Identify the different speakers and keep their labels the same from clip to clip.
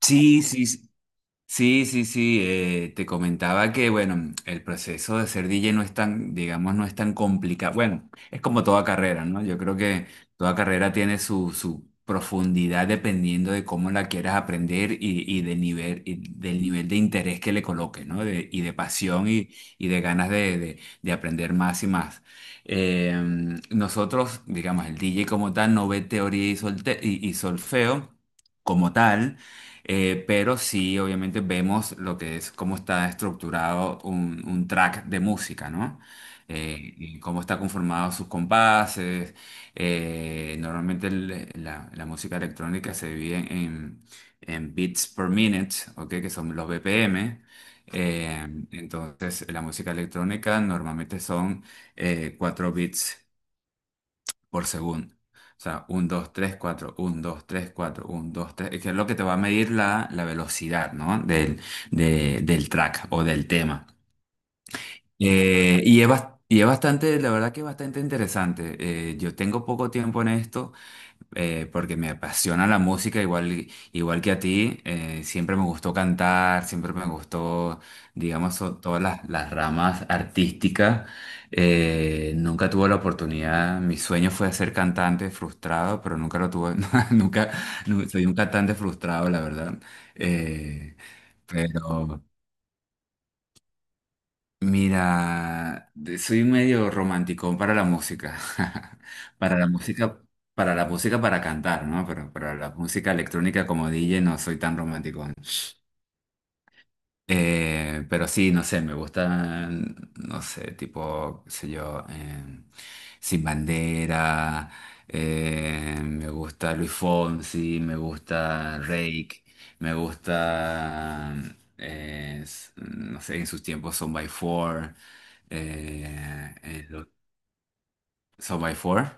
Speaker 1: Sí, sí, sí, sí, sí, sí, te comentaba que, bueno, el proceso de ser DJ no es tan, digamos, no es tan complicado. Bueno, es como toda carrera, ¿no? Yo creo que toda carrera tiene su profundidad dependiendo de cómo la quieras aprender y, del nivel, y del nivel de interés que le coloques, ¿no? Y de pasión y, de ganas de aprender más y más. Eh, Nosotros, digamos, el DJ como tal no ve teoría y solfeo como tal. Pero sí, obviamente vemos lo que es, cómo está estructurado un track de música, ¿no? Y cómo está conformado sus compases. Normalmente la música electrónica se divide en beats per minute, ¿ok? Que son los BPM. Eh, entonces, la música electrónica normalmente son 4 bits por segundo. O sea, 1, 2, 3, 4, 1, 2, 3, 4, 1, 2, 3, que es lo que te va a medir la velocidad, ¿no? Del track o del tema. Y es bastante, la verdad que es bastante interesante. Yo tengo poco tiempo en esto, porque me apasiona la música, igual que a ti. Siempre me gustó cantar, siempre me gustó, digamos, todas las ramas artísticas. Nunca tuve la oportunidad, mi sueño fue ser cantante frustrado, pero nunca lo tuve, nunca, soy un cantante frustrado, la verdad. Eh, pero mira, soy medio romántico para la música. Para la música, para cantar, ¿no? Pero para la música electrónica como DJ no soy tan romántico. Pero sí, no sé, me gustan, no sé, tipo, qué sé yo, Sin Bandera, me gusta Luis Fonsi, me gusta Reik, me gusta, no sé, en sus tiempos Son by Four. eh, eh, lo- Son by Four.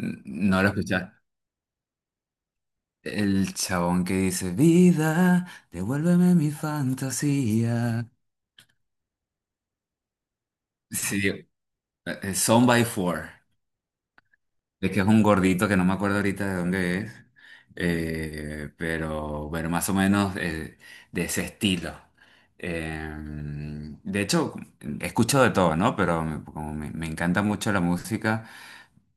Speaker 1: No lo escuchas. El chabón que dice, vida, devuélveme mi fantasía. Sí, Son by Four, de que es un gordito que no me acuerdo ahorita de dónde es, pero bueno, más o menos, de ese estilo. Eh, de hecho, escucho de todo, ¿no? Pero como me encanta mucho la música,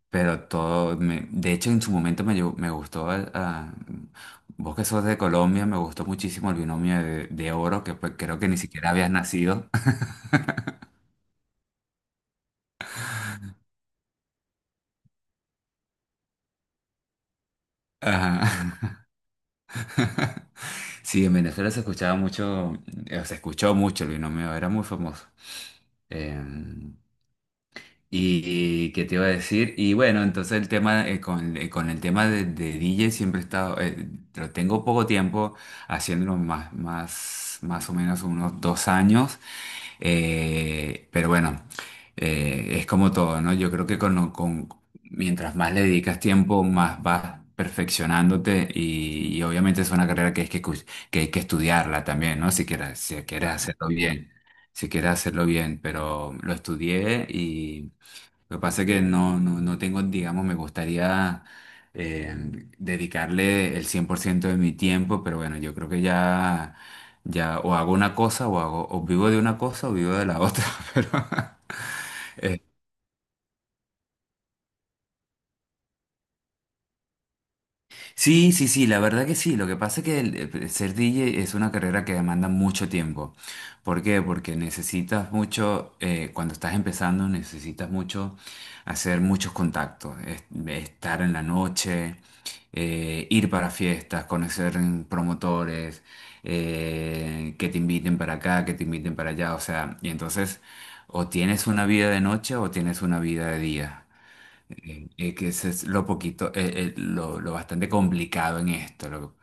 Speaker 1: pero todo, de hecho en su momento me gustó, vos que sos de Colombia, me gustó muchísimo el binomio de oro, que pues, creo que ni siquiera habías nacido. Ajá. Sí, en Venezuela se escuchaba mucho, se escuchó mucho el binomio, era muy famoso. Em, y qué te iba a decir, y bueno, entonces el tema, con el tema de DJ siempre he estado, pero tengo poco tiempo haciéndolo, más o menos unos 2 años, pero bueno, es como todo, ¿no? Yo creo que mientras más le dedicas tiempo, más vas perfeccionándote y, obviamente es una carrera que hay que estudiarla también, ¿no? Si quieres hacerlo bien, si quieres hacerlo bien, pero lo estudié. Lo que pasa es que no tengo, digamos, me gustaría, eh, dedicarle el 100% de mi tiempo, pero bueno, yo creo que ya, ya o hago una cosa o hago, o vivo de una cosa o vivo de la otra, pero sí, sí, sí, la verdad que sí. Lo que pasa es que ser DJ es una carrera que demanda mucho tiempo. ¿Por qué? Porque necesitas mucho, cuando estás empezando, necesitas mucho hacer muchos contactos, estar en la noche, ir para fiestas, conocer, promotores, que te inviten para acá, que te inviten para allá. O sea, y entonces o tienes una vida de noche o tienes una vida de día, que ese es lo poquito, lo bastante complicado en esto.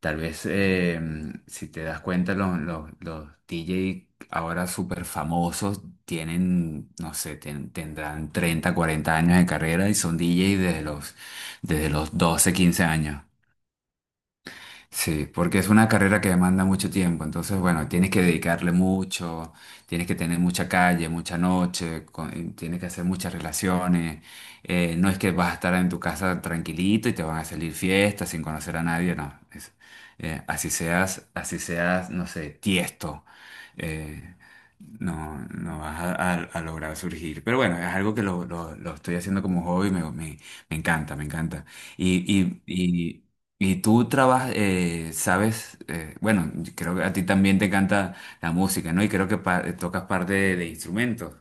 Speaker 1: Tal vez, si te das cuenta, los DJ ahora súper famosos tienen, no sé, tendrán 30 40 años de carrera y son DJ desde los 12 15 años. Sí, porque es una carrera que demanda mucho tiempo, entonces bueno, tienes que dedicarle mucho, tienes que tener mucha calle, mucha noche, tienes que hacer muchas relaciones, no es que vas a estar en tu casa tranquilito y te van a salir fiestas sin conocer a nadie, no, así seas, no sé, Tiesto, eh, no vas a, a lograr surgir, pero bueno, es algo que lo estoy haciendo como hobby, me encanta, me encanta. Y, y, y tú trabajas, sabes, bueno, creo que a ti también te encanta la música, ¿no? Y creo que tocas parte de instrumentos.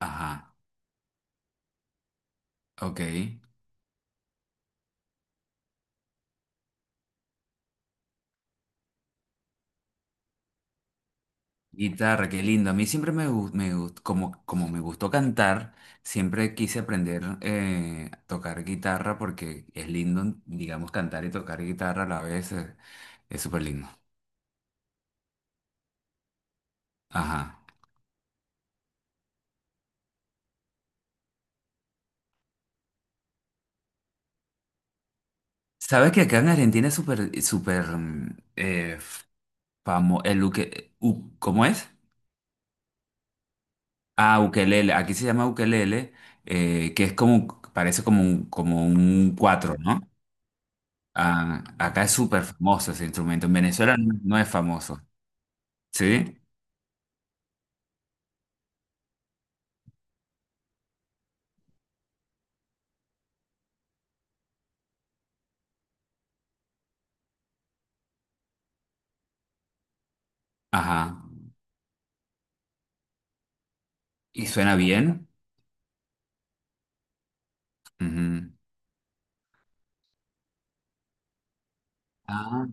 Speaker 1: Ajá, ok. Guitarra, qué lindo. A mí siempre me, como me gustó cantar, siempre quise aprender, a tocar guitarra porque es lindo, digamos, cantar y tocar guitarra a la vez, es súper lindo. Ajá. ¿Sabes que acá en Argentina es súper, súper, ¿cómo es? Ah, ukelele. Aquí se llama ukelele, que es como, parece como un, cuatro, ¿no? Ah, acá es súper famoso ese instrumento. En Venezuela no es famoso, ¿sí? Ajá. ¿Y suena bien? Ujú. Ah,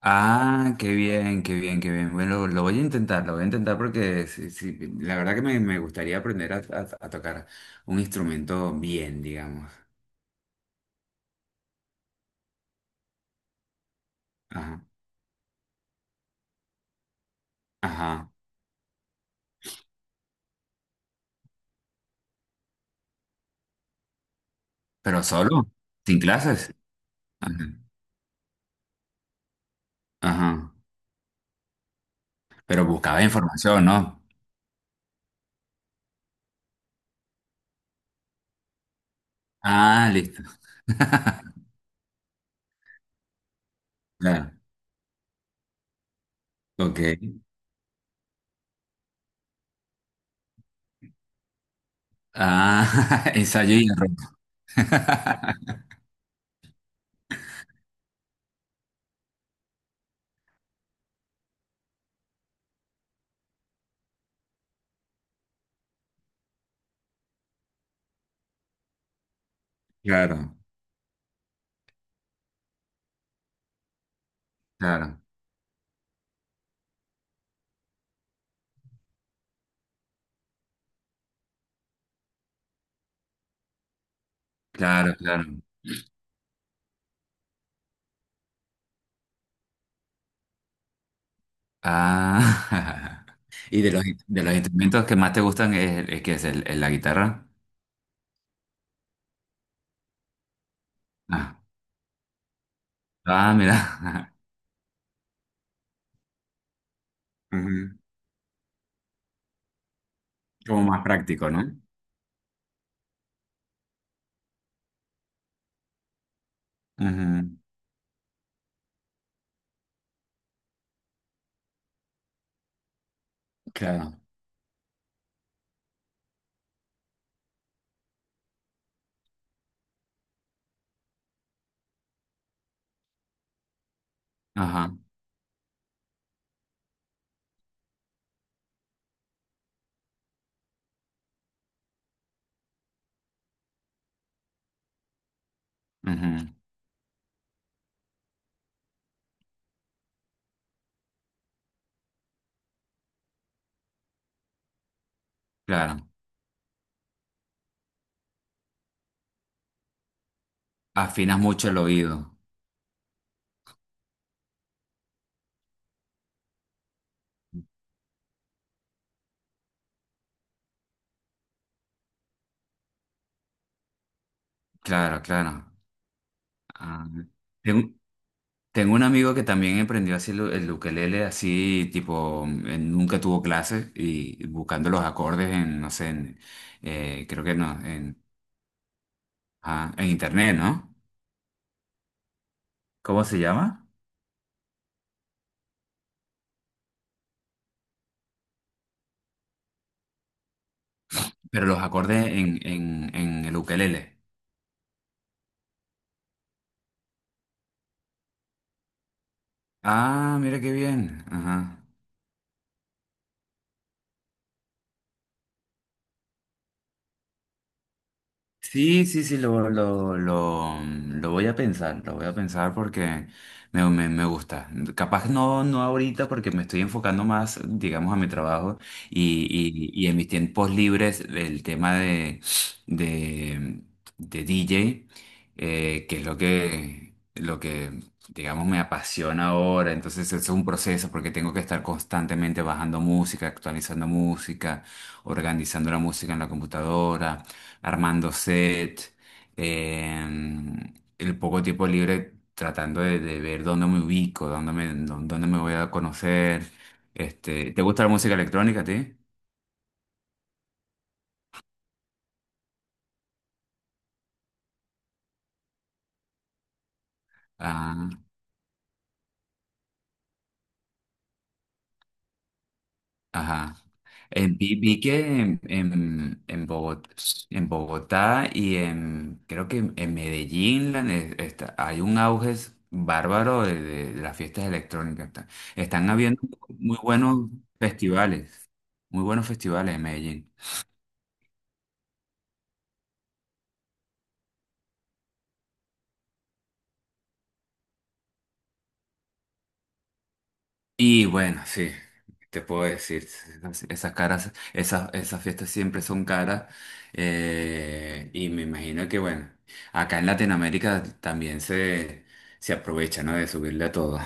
Speaker 1: ah, qué bien, qué bien, qué bien. Bueno, lo voy a intentar, lo voy a intentar porque sí, sí, la verdad que me gustaría aprender a, a tocar un instrumento bien, digamos. Ajá, ajá. ¿Pero solo? ¿Sin clases? Ajá. Ajá. Pero buscaba información, ¿no? Ah, listo. Claro, ok. Ah, ensayo y error. Claro, claro, claro. Ah, y de los instrumentos que más te gustan es que es la guitarra. Ah, ah, mira. Ujú. Como más práctico, ¿no? Ujú, claro, ajá, ujú, claro. Afinas mucho el oído. Claro, claro. Ah, tengo- tengo un amigo que también emprendió así el ukelele, así tipo, nunca tuvo clases y buscando los acordes en, no sé, en, creo que no, en, en internet, ¿no? ¿Cómo se llama? Pero los acordes en, en el ukelele. Ah, mira qué bien. Ajá. Sí, sí, sí, lo voy a pensar, lo voy a pensar porque me gusta. Capaz no ahorita porque me estoy enfocando más, digamos, a mi trabajo, y en mis tiempos libres el tema de, de DJ, que es digamos, me apasiona ahora. Entonces es un proceso porque tengo que estar constantemente bajando música, actualizando música, organizando la música en la computadora armando set, em, el poco tiempo libre tratando de ver dónde me ubico, dónde me voy a conocer. ¿Te gusta la música electrónica a ti? Ah, ajá. Vi que en Bogotá y creo que en Medellín, hay un auge bárbaro de las fiestas electrónicas. Están habiendo muy buenos festivales, muy buenos festivales en Medellín. Y bueno, sí, te puedo decir, esas caras, esas fiestas siempre son caras. Y me imagino que, bueno, acá en Latinoamérica también se aprovecha, ¿no? De subirle a todo.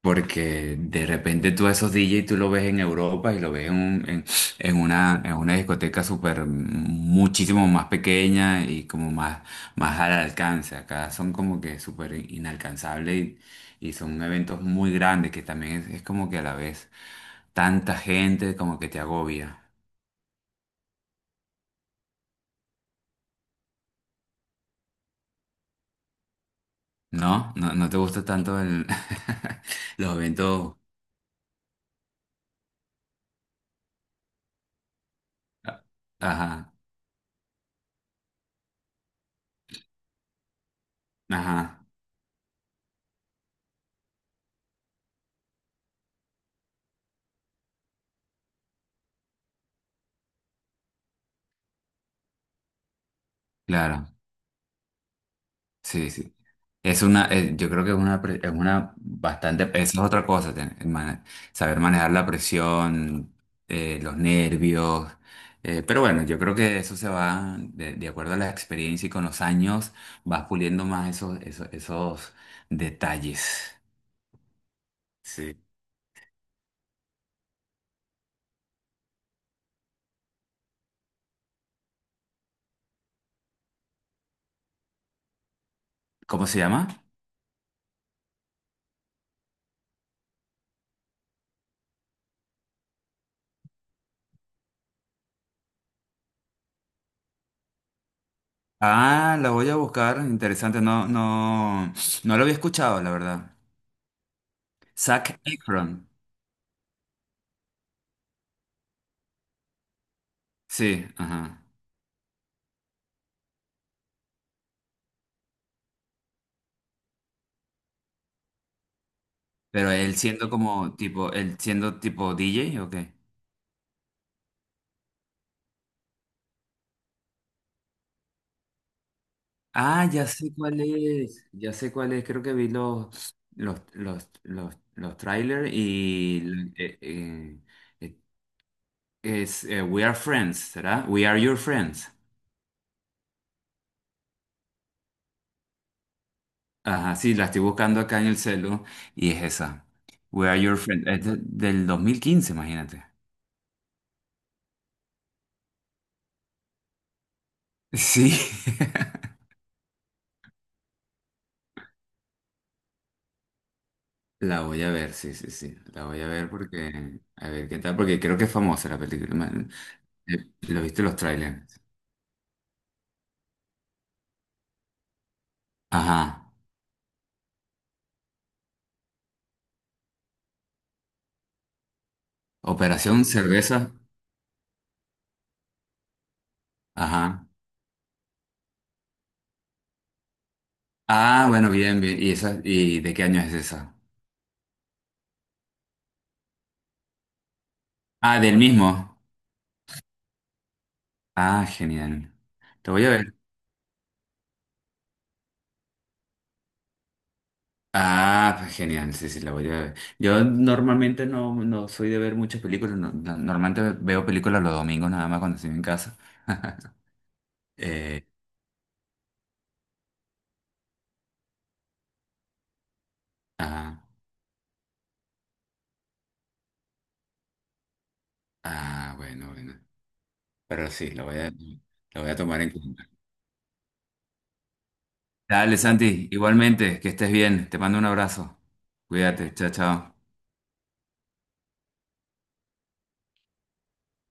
Speaker 1: Porque de repente tú a esos DJ tú lo ves en Europa y lo ves en, un- en una discoteca súper muchísimo más pequeña y como más, al alcance. Acá son como que súper inalcanzables y, son eventos muy grandes que también es como que a la vez tanta gente como que te agobia. ¿No? ¿No te gusta tanto los eventos? Ajá, ajá, claro. Sí, sí. Es una, yo creo que es una, es una bastante, esa es otra cosa, saber manejar la presión, los nervios, pero bueno, yo creo que eso se va, de acuerdo a la experiencia y con los años, vas puliendo más esos detalles. Sí. ¿Cómo se llama? Ah, la voy a buscar, interesante, no lo había escuchado, la verdad. Zac Efron, sí, ajá. Pero él siendo tipo DJ, ¿o qué? Ah, ya sé cuál es, ya sé cuál es, creo que vi los trailers y, eh, eh, eh, es, We Are Friends, ¿será? We Are Your Friends. Ajá, sí, la estoy buscando acá en el celu y es esa. We Are Your Friends, es del 2015, imagínate. Sí. La voy a ver, sí, sí, sí. La voy a ver porque, a ver qué tal, porque creo que es famosa la película. Man, lo viste los trailers. Ajá. Operación Cerveza. Ajá. Ah, bueno, bien, bien. ¿Y de qué año es esa? Ah, del mismo. Ah, genial. Te voy a ver. Ah, pues genial, sí, sí, la voy a ver. Yo normalmente no soy de ver muchas películas, normalmente veo películas los domingos nada más cuando estoy en casa. Eh, ah, ah, bueno, bueno. Pero sí, lo voy a tomar en cuenta. Dale, Santi, igualmente, que estés bien. Te mando un abrazo. Cuídate, chao, chao.